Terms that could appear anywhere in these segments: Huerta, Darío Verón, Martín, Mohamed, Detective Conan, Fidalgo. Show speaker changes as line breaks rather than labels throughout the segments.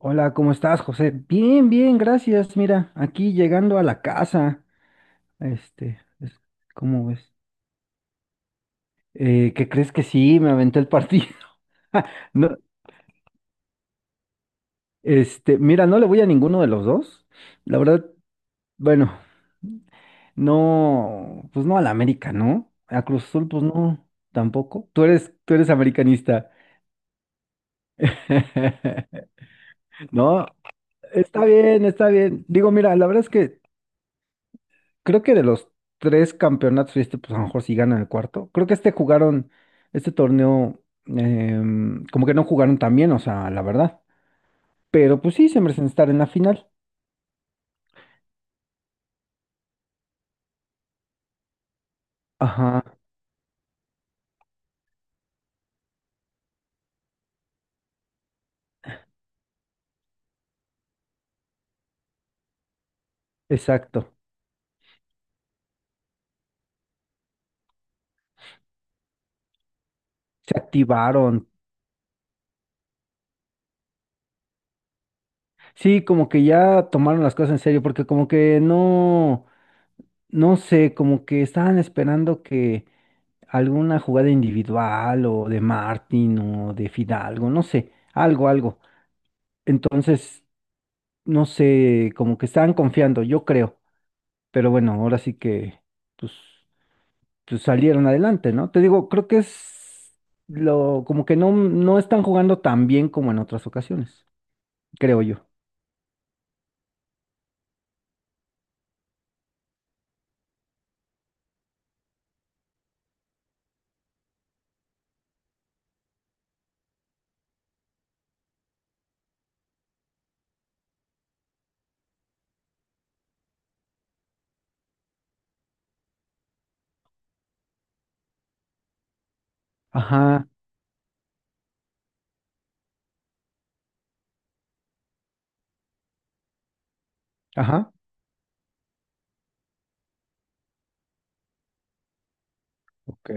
Hola, ¿cómo estás, José? Bien, bien, gracias. Mira, aquí llegando a la casa. Este, es- ¿Cómo ves? ¿Qué crees que sí? Me aventé el partido. No, mira, no le voy a ninguno de los dos. La verdad, bueno, no, pues no a la América, ¿no? A Cruz Azul, pues no, tampoco. Tú eres americanista. No, está bien, está bien. Digo, mira, la verdad es que creo que de los tres campeonatos, y pues a lo mejor sí gana el cuarto, creo que jugaron, este torneo, como que no jugaron tan bien, o sea, la verdad. Pero pues sí, se merecen estar en la final. Ajá, exacto. Se activaron. Sí, como que ya tomaron las cosas en serio, porque como que no, no sé, como que estaban esperando que alguna jugada individual o de Martín o de Fidalgo, no sé, algo, algo. Entonces, no sé, como que estaban confiando, yo creo. Pero bueno, ahora sí que, pues, pues salieron adelante, ¿no? Te digo, creo que es lo, como que no están jugando tan bien como en otras ocasiones, creo yo. Ajá, ajá. Ok.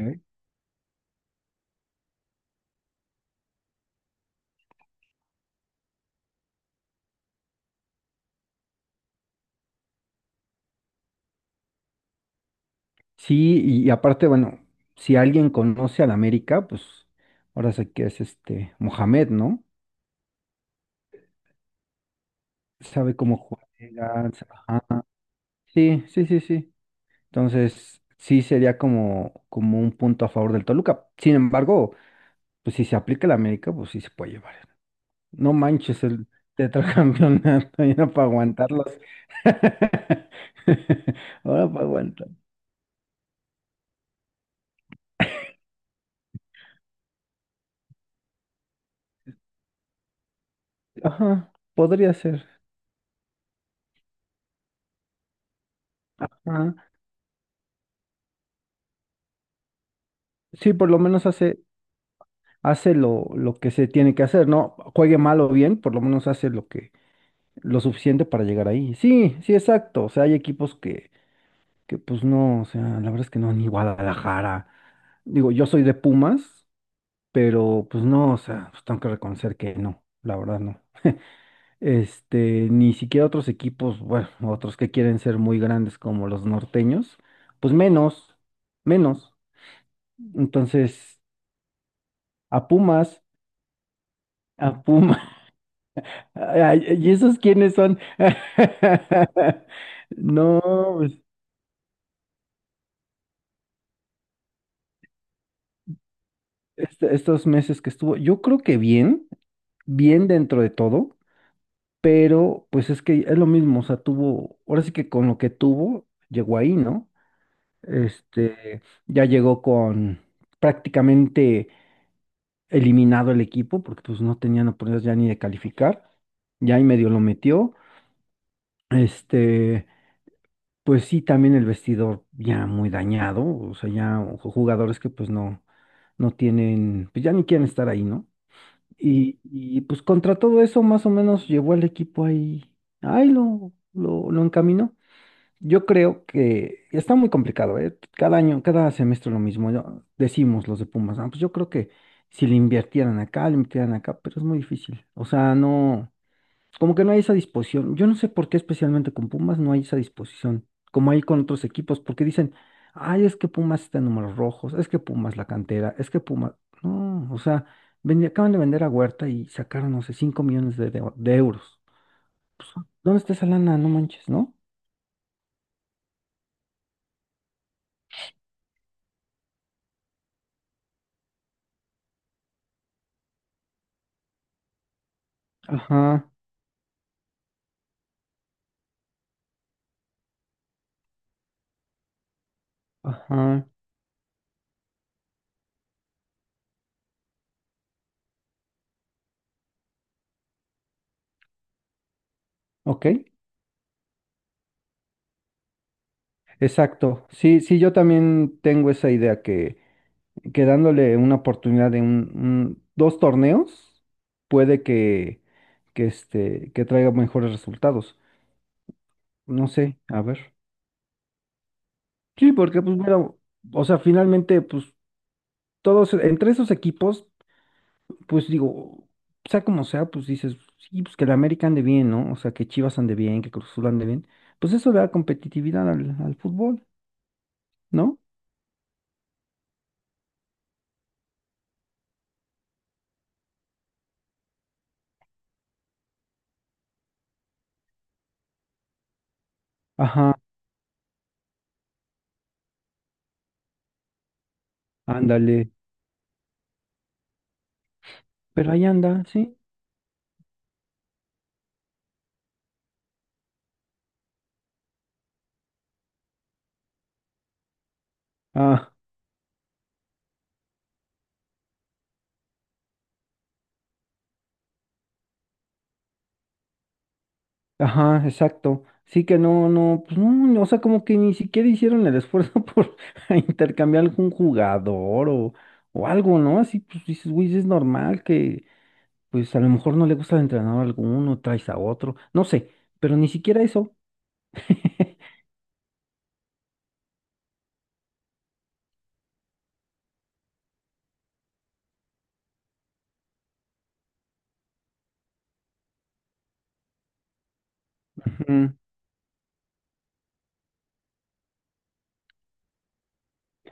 Sí, y aparte, bueno, si alguien conoce al América, pues ahora sé que es este Mohamed, ¿no? Sabe cómo juega. Ajá. Sí, sí, sí, sí. Entonces, sí sería como un punto a favor del Toluca. Sin embargo, pues si se aplica el América, pues sí se puede llevar. No manches el tetracampeonato, ya no para aguantarlos. Ahora para aguantar. Ajá, podría ser. Ajá. Sí, por lo menos hace lo que se tiene que hacer, ¿no? Juegue mal o bien, por lo menos hace lo que, lo suficiente para llegar ahí. Sí, sí, exacto. O sea, hay equipos que pues no, o sea, la verdad es que no, ni Guadalajara. Digo, yo soy de Pumas, pero pues no, o sea, pues tengo que reconocer que no, la verdad no. Ni siquiera otros equipos, bueno, otros que quieren ser muy grandes como los norteños, pues menos, menos. Entonces, a Pumas, a Pumas, ¿y esos quiénes son? No, pues, estos meses que estuvo, yo creo que bien, bien dentro de todo. Pero pues es que es lo mismo, o sea, tuvo, ahora sí que con lo que tuvo, llegó ahí, ¿no? Este, ya llegó con prácticamente eliminado el equipo, porque pues no tenían oportunidades ya ni de calificar, ya ahí medio lo metió, este, pues sí, también el vestidor ya muy dañado, o sea, ya jugadores que pues no tienen, pues ya ni quieren estar ahí, ¿no? Y pues contra todo eso más o menos llevó al equipo ahí, ahí lo encaminó. Yo creo que está muy complicado, ¿eh? Cada año, cada semestre lo mismo. Decimos los de Pumas: "Ah, pues yo creo que si le invirtieran acá, le invirtieran acá", pero es muy difícil. O sea, no, como que no hay esa disposición. Yo no sé por qué especialmente con Pumas no hay esa disposición, como hay con otros equipos, porque dicen, ay, es que Pumas está en números rojos, es que Pumas la cantera, es que Pumas... No, o sea, acaban de vender a Huerta y sacaron, no sé, 5 millones de, de euros. Pues, ¿dónde está esa lana? No manches, ¿no? Ajá, ajá. Ok, exacto. Sí, sí, yo también tengo esa idea que, dándole una oportunidad de un, dos torneos, puede que traiga mejores resultados. No sé, a ver. Sí, porque pues bueno, o sea, finalmente, pues todos, entre esos equipos, pues digo, sea como sea, pues dices, sí, pues que la América ande bien, ¿no? O sea, que Chivas ande bien, que Cruz Azul ande bien. Pues eso le da competitividad al fútbol, ¿no? Ajá, ándale. Pero ahí anda, ¿sí? Ah, ajá, exacto. Sí que no, no, pues no, o sea, como que ni siquiera hicieron el esfuerzo por intercambiar algún jugador o algo, ¿no? Así, pues dices, güey, es normal que, pues a lo mejor no le gusta al entrenador alguno, traes a otro, no sé, pero ni siquiera eso. Ujú.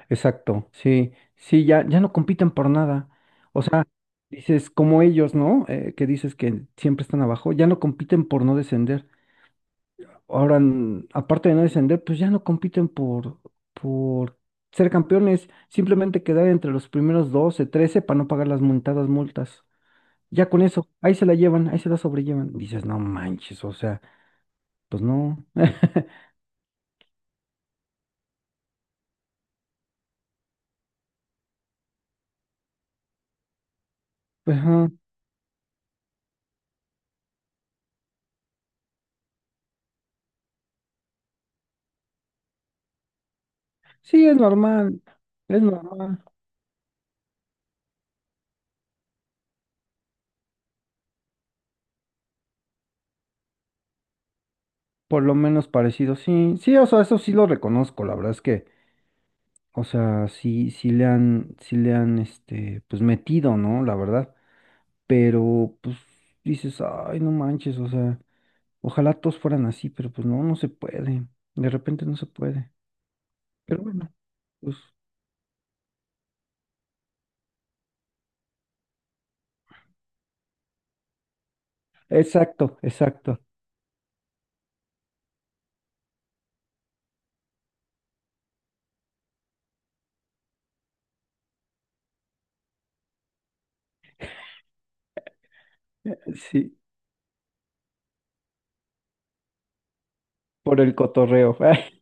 Exacto, sí, sí, ya, ya no compiten por nada. O sea, dices, como ellos, ¿no? Que dices que siempre están abajo, ya no compiten por no descender. Ahora, aparte de no descender, pues ya no compiten por ser campeones, simplemente quedar entre los primeros 12 13 para no pagar las multadas multas. Ya con eso, ahí se la llevan, ahí se la sobrellevan. Dices, no manches, o sea, pues no. Pues, ajá. Sí, es normal, por lo menos parecido, sí, sí, o sea, eso sí lo reconozco, la verdad es que, o sea, sí sí le han, pues metido, ¿no? La verdad. Pero pues dices, ay, no manches, o sea, ojalá todos fueran así, pero pues no se puede, de repente no se puede, pero bueno, pues exacto, exacto, sí, por el cotorreo.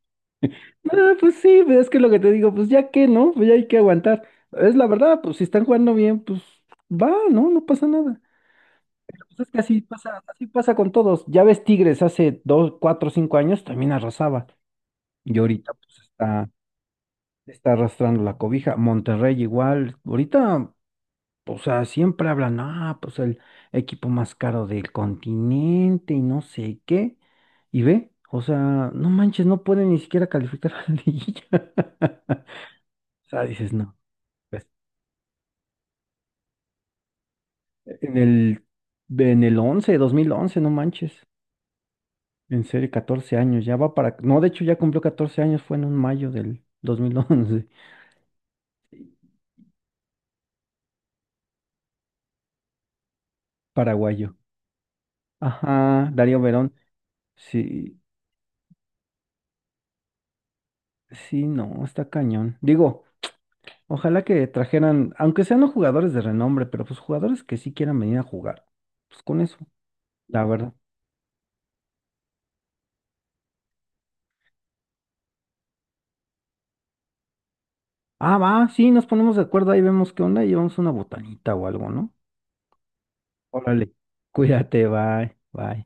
No, pues sí, pues, es que lo que te digo, pues ya que, ¿no? Pues ya hay que aguantar. Es la verdad, pues si están jugando bien, pues va, ¿no? No pasa nada. Pues es que así pasa con todos. Ya ves, Tigres hace 2, 4, 5 años también arrasaba. Y ahorita pues está arrastrando la cobija. Monterrey igual, ahorita, o sea, siempre hablan, ah, pues el equipo más caro del continente y no sé qué. Y ve, o sea, no manches, no pueden ni siquiera calificar a la liguilla. O sea, dices, no, pues, en el, en el 11 2011, no manches. En serio, 14 años, ya va para... No, de hecho ya cumplió 14 años, fue en un mayo del 2011. Paraguayo. Ajá, Darío Verón, sí. Sí, no, está cañón. Digo, ojalá que trajeran, aunque sean no jugadores de renombre, pero pues jugadores que sí quieran venir a jugar. Pues con eso, la verdad. Ah, va, sí, nos ponemos de acuerdo, ahí vemos qué onda y llevamos una botanita o algo, ¿no? Órale. Cuídate, bye, bye.